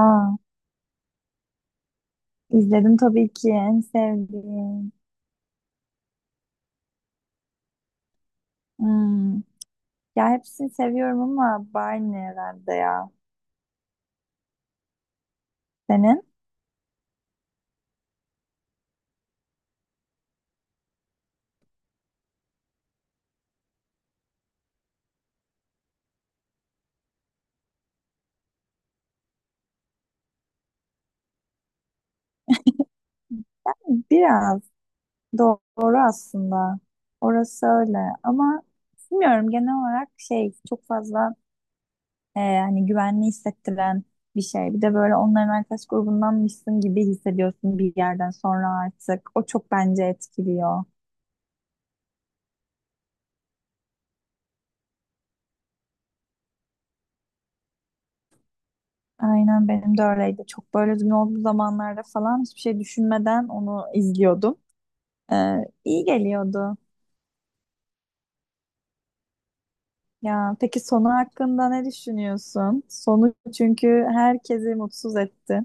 Aa, izledim tabii ki en sevdiğim. Hmm. Ya hepsini seviyorum ama Barney herhalde ya. Senin? Biraz doğru aslında. Orası öyle ama bilmiyorum genel olarak şey çok fazla hani güvenli hissettiren bir şey. Bir de böyle onların arkadaş grubundanmışsın gibi hissediyorsun bir yerden sonra artık. O çok bence etkiliyor. Aynen benim de öyleydi. Çok böyle üzgün olduğu zamanlarda falan hiçbir şey düşünmeden onu izliyordum. İyi geliyordu. Ya peki sonu hakkında ne düşünüyorsun? Sonu çünkü herkesi mutsuz etti.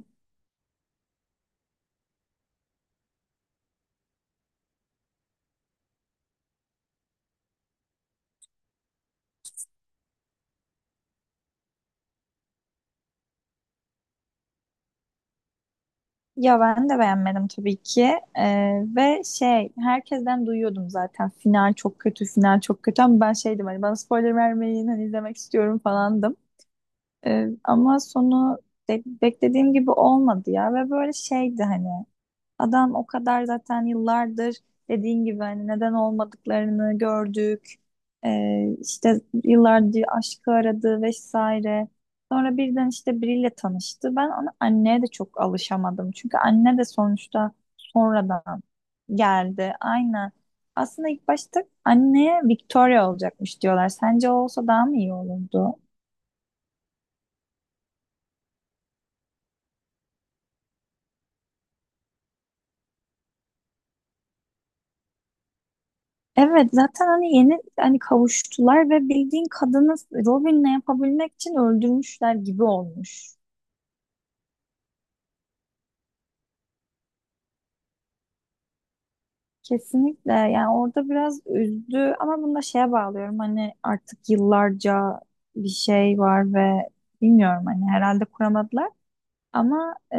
Ya ben de beğenmedim tabii ki. Ve şey herkesten duyuyordum zaten final çok kötü, final çok kötü ama ben şeydim hani bana spoiler vermeyin hani izlemek istiyorum falandım. Ama sonu beklediğim gibi olmadı ya ve böyle şeydi hani adam o kadar zaten yıllardır dediğin gibi hani neden olmadıklarını gördük. İşte yıllardır aşkı aradı vesaire. Sonra birden işte biriyle tanıştı. Ben ona anneye de çok alışamadım. Çünkü anne de sonuçta sonradan geldi. Aynen. Aslında ilk başta anneye Victoria olacakmış diyorlar. Sence o olsa daha mı iyi olurdu? Evet zaten hani yeni hani kavuştular ve bildiğin kadını Robin'le yapabilmek için öldürmüşler gibi olmuş. Kesinlikle yani orada biraz üzdü ama bunu da şeye bağlıyorum hani artık yıllarca bir şey var ve bilmiyorum hani herhalde kuramadılar ama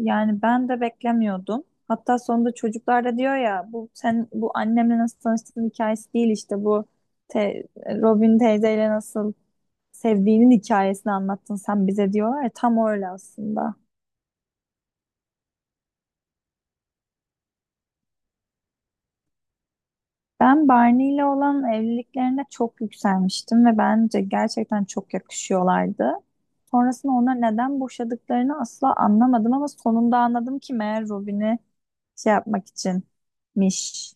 yani ben de beklemiyordum. Hatta sonunda çocuklar da diyor ya bu sen bu annemle nasıl tanıştığın hikayesi değil işte bu te- Robin teyzeyle nasıl sevdiğinin hikayesini anlattın sen bize diyorlar ya, tam öyle aslında. Ben Barney ile olan evliliklerine çok yükselmiştim ve bence gerçekten çok yakışıyorlardı. Sonrasında ona neden boşadıklarını asla anlamadım ama sonunda anladım ki meğer Robin'i şey yapmak içinmiş.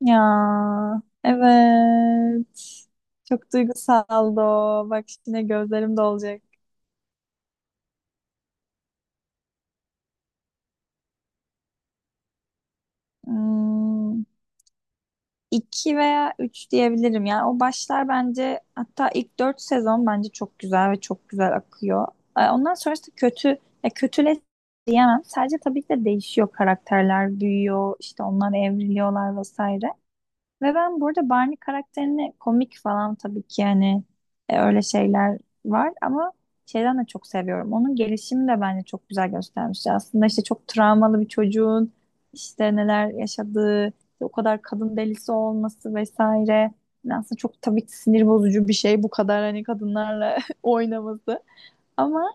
Ya evet. Çok duygusaldı o. Bak şimdi gözlerim dolacak. Hmm. 2 veya 3 diyebilirim. Yani o başlar bence hatta ilk 4 sezon bence çok güzel ve çok güzel akıyor. Ondan sonrası kötü, ya kötüle diyemem. Sadece tabii ki de değişiyor karakterler, büyüyor, işte onlar evriliyorlar vesaire. Ve ben burada Barney karakterini komik falan tabii ki yani öyle şeyler var ama şeyden de çok seviyorum. Onun gelişimi de bence çok güzel göstermiş. Aslında işte çok travmalı bir çocuğun işte neler yaşadığı, işte o kadar kadın delisi olması vesaire. Yani aslında çok tabii ki sinir bozucu bir şey bu kadar hani kadınlarla oynaması. Ama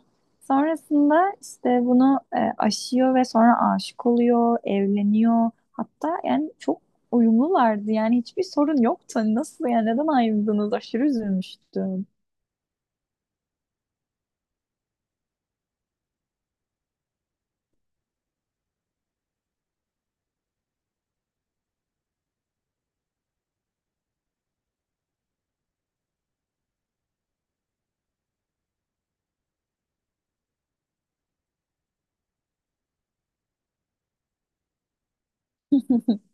sonrasında işte bunu aşıyor ve sonra aşık oluyor, evleniyor. Hatta yani çok uyumlulardı. Yani hiçbir sorun yoktu. Hani nasıl yani neden ayrıldınız? Aşırı üzülmüştüm.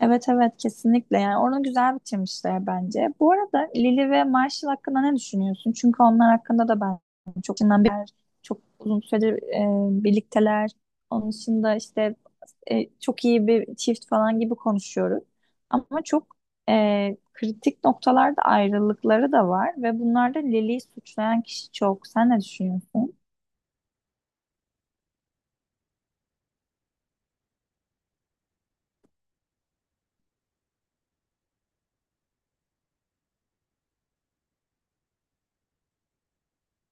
Evet evet kesinlikle yani onu güzel bitirmişler bence. Bu arada Lily ve Marshall hakkında ne düşünüyorsun? Çünkü onlar hakkında da ben çok çok uzun süredir birlikteler. Onun dışında işte çok iyi bir çift falan gibi konuşuyoruz. Ama çok kritik noktalarda ayrılıkları da var ve bunlarda Lili'yi suçlayan kişi çok. Sen ne düşünüyorsun?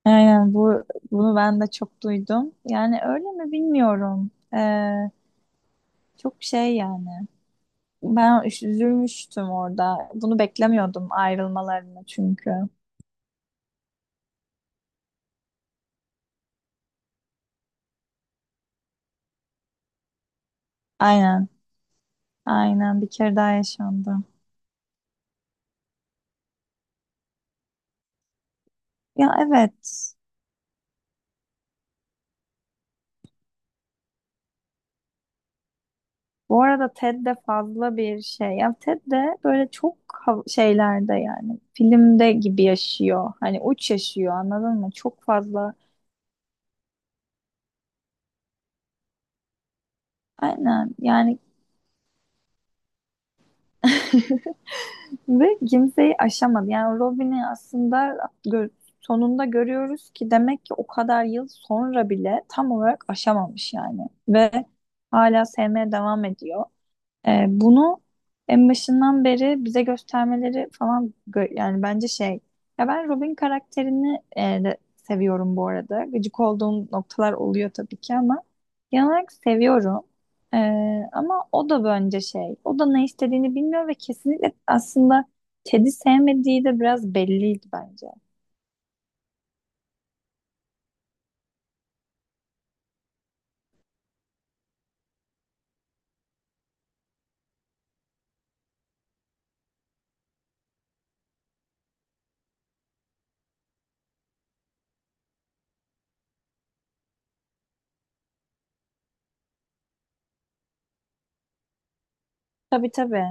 Aynen bunu ben de çok duydum. Yani öyle mi bilmiyorum. Çok şey yani. Ben üzülmüştüm orada. Bunu beklemiyordum ayrılmalarını çünkü. Aynen. Aynen bir kere daha yaşandı. Ya evet. Bu arada Ted de fazla bir şey. Ya Ted de böyle çok şeylerde yani filmde gibi yaşıyor. Hani uç yaşıyor anladın mı? Çok fazla. Aynen yani ve kimseyi aşamadı. Yani Robin'i aslında gö- sonunda görüyoruz ki demek ki o kadar yıl sonra bile tam olarak aşamamış yani. Ve hala sevmeye devam ediyor. Bunu en başından beri bize göstermeleri falan yani bence şey ya ben Robin karakterini de seviyorum bu arada. Gıcık olduğum noktalar oluyor tabii ki ama genel olarak seviyorum. Ee, ama o da bence şey o da ne istediğini bilmiyor ve kesinlikle aslında Ted'i sevmediği de biraz belliydi bence. Tabii tabii.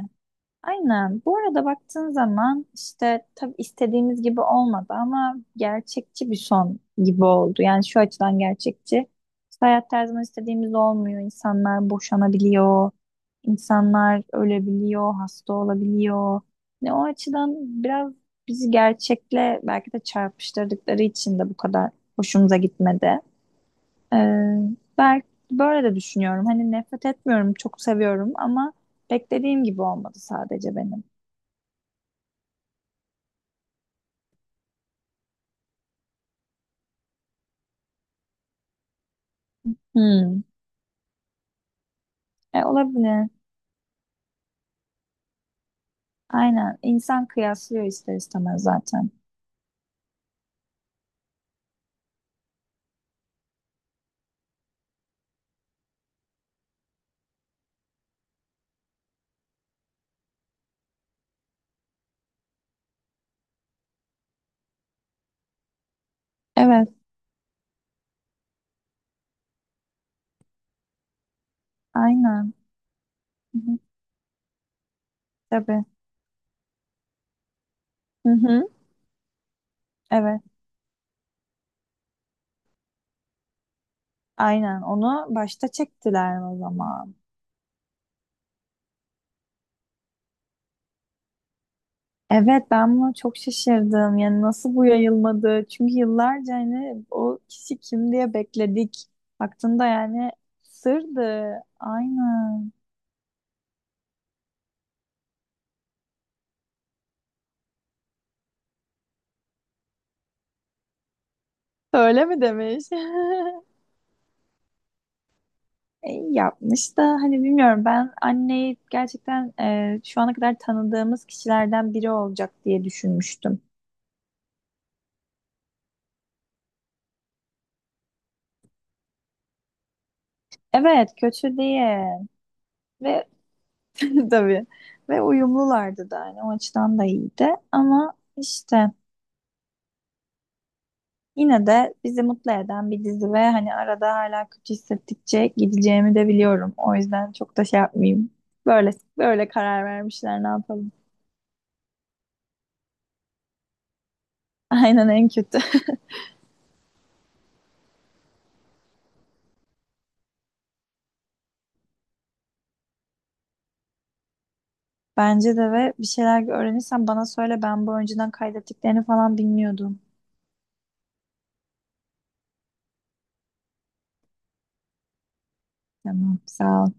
Aynen. Bu arada baktığın zaman işte tabii istediğimiz gibi olmadı ama gerçekçi bir son gibi oldu. Yani şu açıdan gerçekçi. İşte hayat her zaman istediğimiz olmuyor. İnsanlar boşanabiliyor. İnsanlar ölebiliyor, hasta olabiliyor. Ne o açıdan biraz bizi gerçekle belki de çarpıştırdıkları için de bu kadar hoşumuza gitmedi. Ee, belki böyle de düşünüyorum. Hani nefret etmiyorum, çok seviyorum ama beklediğim gibi olmadı sadece benim. Hmm. Olabilir. Aynen. İnsan kıyaslıyor ister istemez zaten. Evet. Aynen. Hı hı. Tabii. Hı hı. Evet. Aynen. Onu başta çektiler o zaman. Evet ben buna çok şaşırdım. Yani nasıl bu yayılmadı? Çünkü yıllarca hani o kişi kim diye bekledik. Baktığında yani sırdı. Aynen. Öyle mi demiş? E, iyi yapmış da hani bilmiyorum ben anneyi gerçekten şu ana kadar tanıdığımız kişilerden biri olacak diye düşünmüştüm. Evet kötü diye ve tabii ve uyumlulardı da hani o açıdan da iyiydi ama işte yine de bizi mutlu eden bir dizi ve hani arada hala kötü hissettikçe gideceğimi de biliyorum. O yüzden çok da şey yapmayayım. Böyle böyle karar vermişler ne yapalım. Aynen en kötü. Bence de ve bir şeyler öğrenirsen bana söyle ben bu önceden kaydettiklerini falan bilmiyordum. Tamam, sağ ol.